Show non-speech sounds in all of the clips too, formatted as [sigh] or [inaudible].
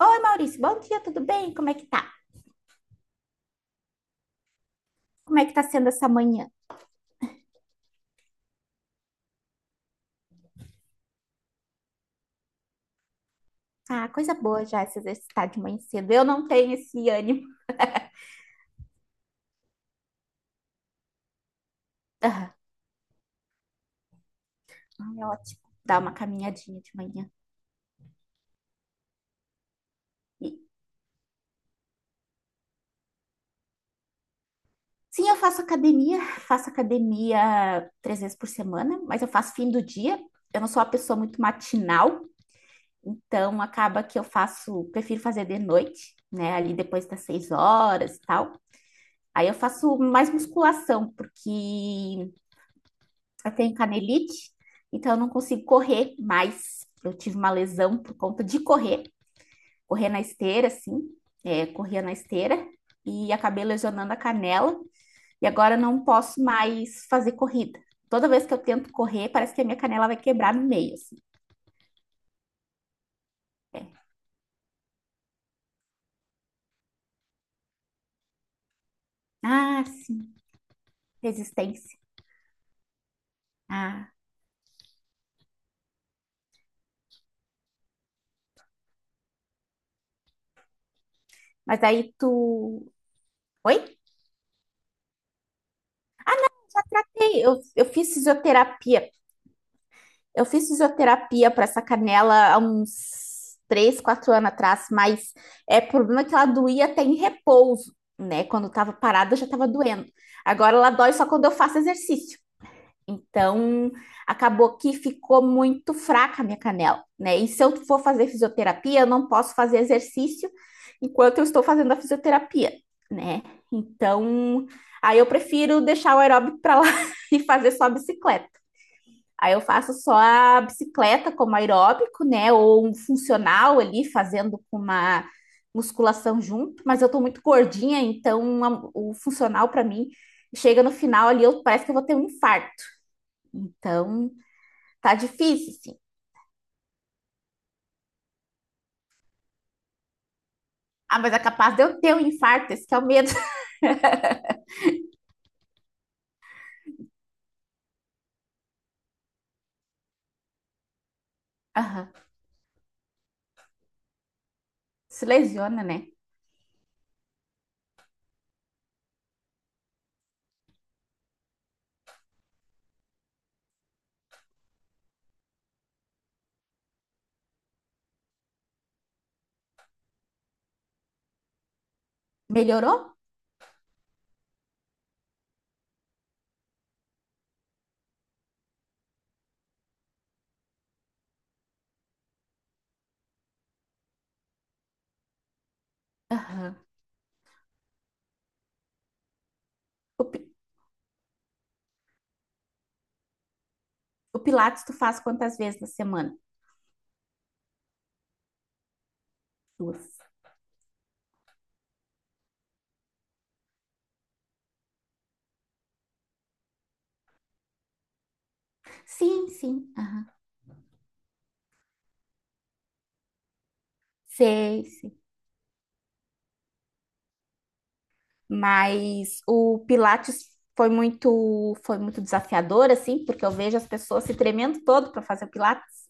Oi, Maurício, bom dia, tudo bem? Como é que tá? Como é que tá sendo essa manhã? Ah, coisa boa já se exercitar de manhã cedo. Eu não tenho esse ânimo. Ah, é ótimo dar uma caminhadinha de manhã. E- sim, eu faço academia três vezes por semana, mas eu faço fim do dia. Eu não sou uma pessoa muito matinal, então acaba que eu faço, prefiro fazer de noite, né? Ali depois das 6 horas e tal. Aí eu faço mais musculação, porque eu tenho canelite, então eu não consigo correr mais. Eu tive uma lesão por conta de correr, na esteira, assim, corria na esteira e acabei lesionando a canela. E agora eu não posso mais fazer corrida. Toda vez que eu tento correr, parece que a minha canela vai quebrar no meio, assim. É. Ah, sim, resistência. Ah, mas aí tu. Oi? Ei, eu fiz fisioterapia Eu fiz fisioterapia para essa canela há uns 3, 4 anos atrás, mas o problema é que ela doía até em repouso, né? Quando eu tava parada, já tava doendo. Agora ela dói só quando eu faço exercício. Então, acabou que ficou muito fraca a minha canela, né? E se eu for fazer fisioterapia, eu não posso fazer exercício enquanto eu estou fazendo a fisioterapia, né? Então, aí eu prefiro deixar o aeróbico para lá [laughs] e fazer só a bicicleta. Aí eu faço só a bicicleta como aeróbico, né? Ou um funcional ali, fazendo com uma musculação junto. Mas eu tô muito gordinha, então o funcional para mim chega no final ali, eu, parece que eu vou ter um infarto. Então tá difícil, sim. Ah, mas é capaz de eu ter um infarto, esse que é o medo. [laughs] Aham. Se lesiona, né? Melhorou? Aham. O, pi- o Pilates tu faz quantas vezes na semana? Duas. Sim, sim. Aham. Sei, sei. Mas o Pilates foi muito desafiador, assim, porque eu vejo as pessoas se tremendo todo para fazer o Pilates.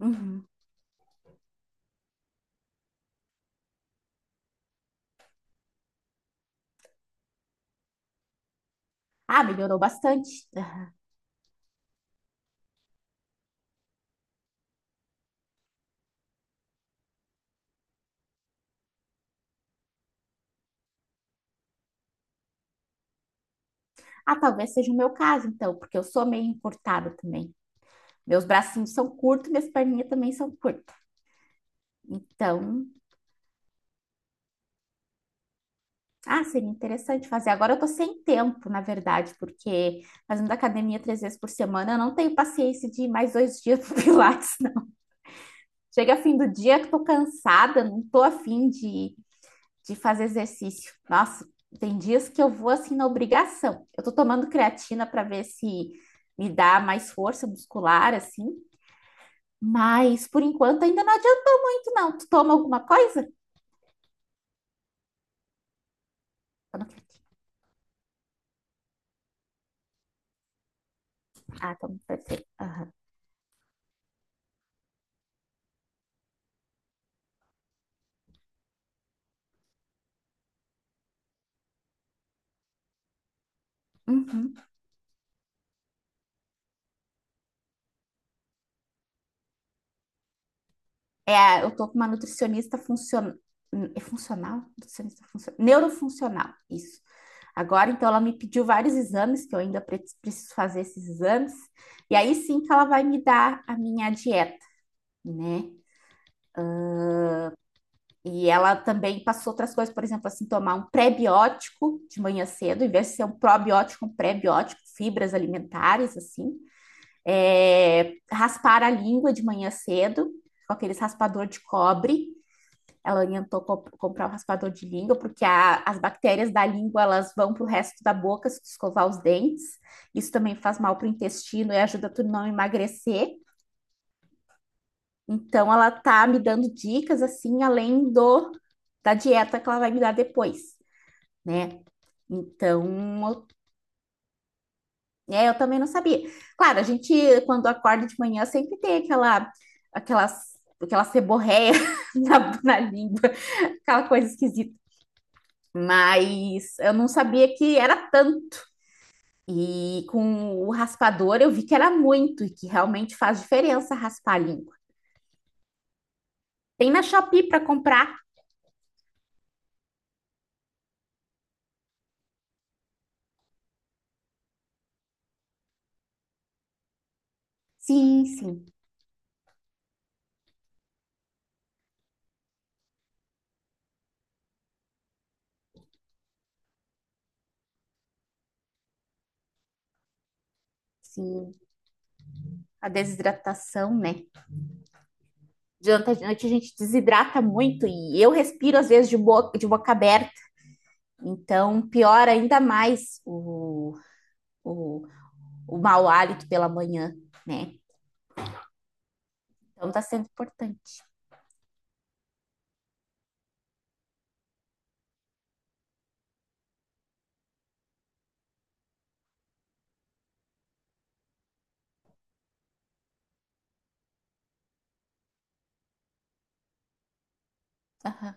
Uhum. Ah, melhorou bastante. Ah, talvez seja o meu caso, então, porque eu sou meio encurtada também. Meus bracinhos são curtos, minhas perninhas também são curtas. Então, ah, seria interessante fazer. Agora eu tô sem tempo, na verdade, porque fazendo academia três vezes por semana, eu não tenho paciência de ir mais 2 [laughs] dias pro Pilates. Não. Chega fim do dia que tô cansada, não tô afim de fazer exercício. Nossa, tem dias que eu vou assim na obrigação. Eu tô tomando creatina para ver se me dá mais força muscular, assim, mas por enquanto ainda não adiantou muito, não. Tu toma alguma coisa? Eu não quero- Ah, tomo perfeito. Aham. Uhum. É, eu tô com uma nutricionista funcional. É funcional? Nutricionista funcional. Neurofuncional, isso. Agora, então, ela me pediu vários exames, que eu ainda preciso fazer esses exames, e aí sim que ela vai me dar a minha dieta, né? E ela também passou outras coisas, por exemplo, assim, tomar um prebiótico de manhã cedo, em vez de ser um probiótico, um prebiótico, fibras alimentares, assim. É, raspar a língua de manhã cedo, com aqueles raspador de cobre. Ela orientou comprar um raspador de língua, porque as bactérias da língua elas vão para o resto da boca se tu escovar os dentes. Isso também faz mal para o intestino e ajuda tu não emagrecer. Então ela tá me dando dicas assim, além do da dieta que ela vai me dar depois, né? Então, eu também não sabia. Claro, a gente quando acorda de manhã sempre tem aquela seborréia [laughs] na língua, aquela coisa esquisita. Mas eu não sabia que era tanto. E com o raspador eu vi que era muito e que realmente faz diferença raspar a língua. Tem na Shopee para comprar? Sim, sim, sim. A desidratação, né? Durante a noite a gente desidrata muito e eu respiro às vezes de boca, aberta, então piora ainda mais o, o mau hálito pela manhã, né? Então tá sendo importante. Aham.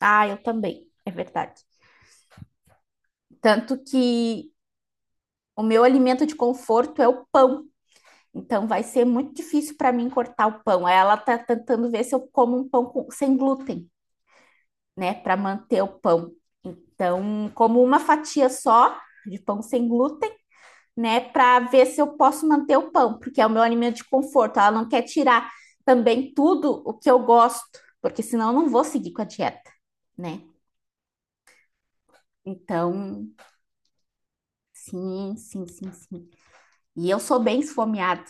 Ah, eu também, é verdade. Tanto que o meu alimento de conforto é o pão, então vai ser muito difícil para mim cortar o pão. Ela tá tentando ver se eu como um sem glúten, né, para manter o pão. Então, como uma fatia só de pão sem glúten, né, para ver se eu posso manter o pão, porque é o meu alimento de conforto. Ela não quer tirar também tudo o que eu gosto, porque senão eu não vou seguir com a dieta, né? Então, sim, sim, sim, sim. E eu sou bem esfomeada.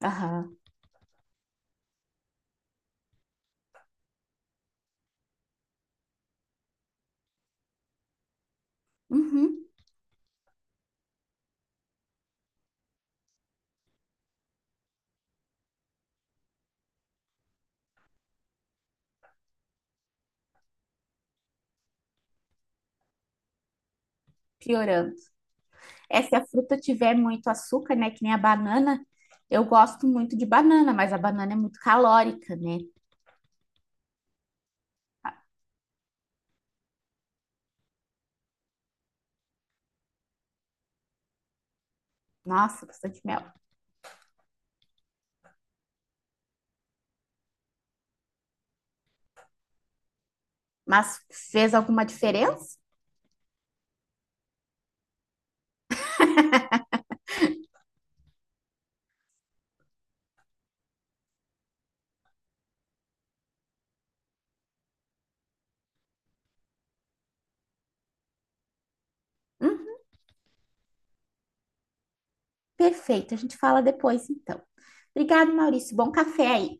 Aham. Uhum. Piorando. É, se a fruta tiver muito açúcar, né, que nem a banana, eu gosto muito de banana, mas a banana é muito calórica, né? Nossa, bastante mel. Mas fez alguma diferença? Hum, perfeito, a gente fala depois então. Obrigada, Maurício. Bom café aí.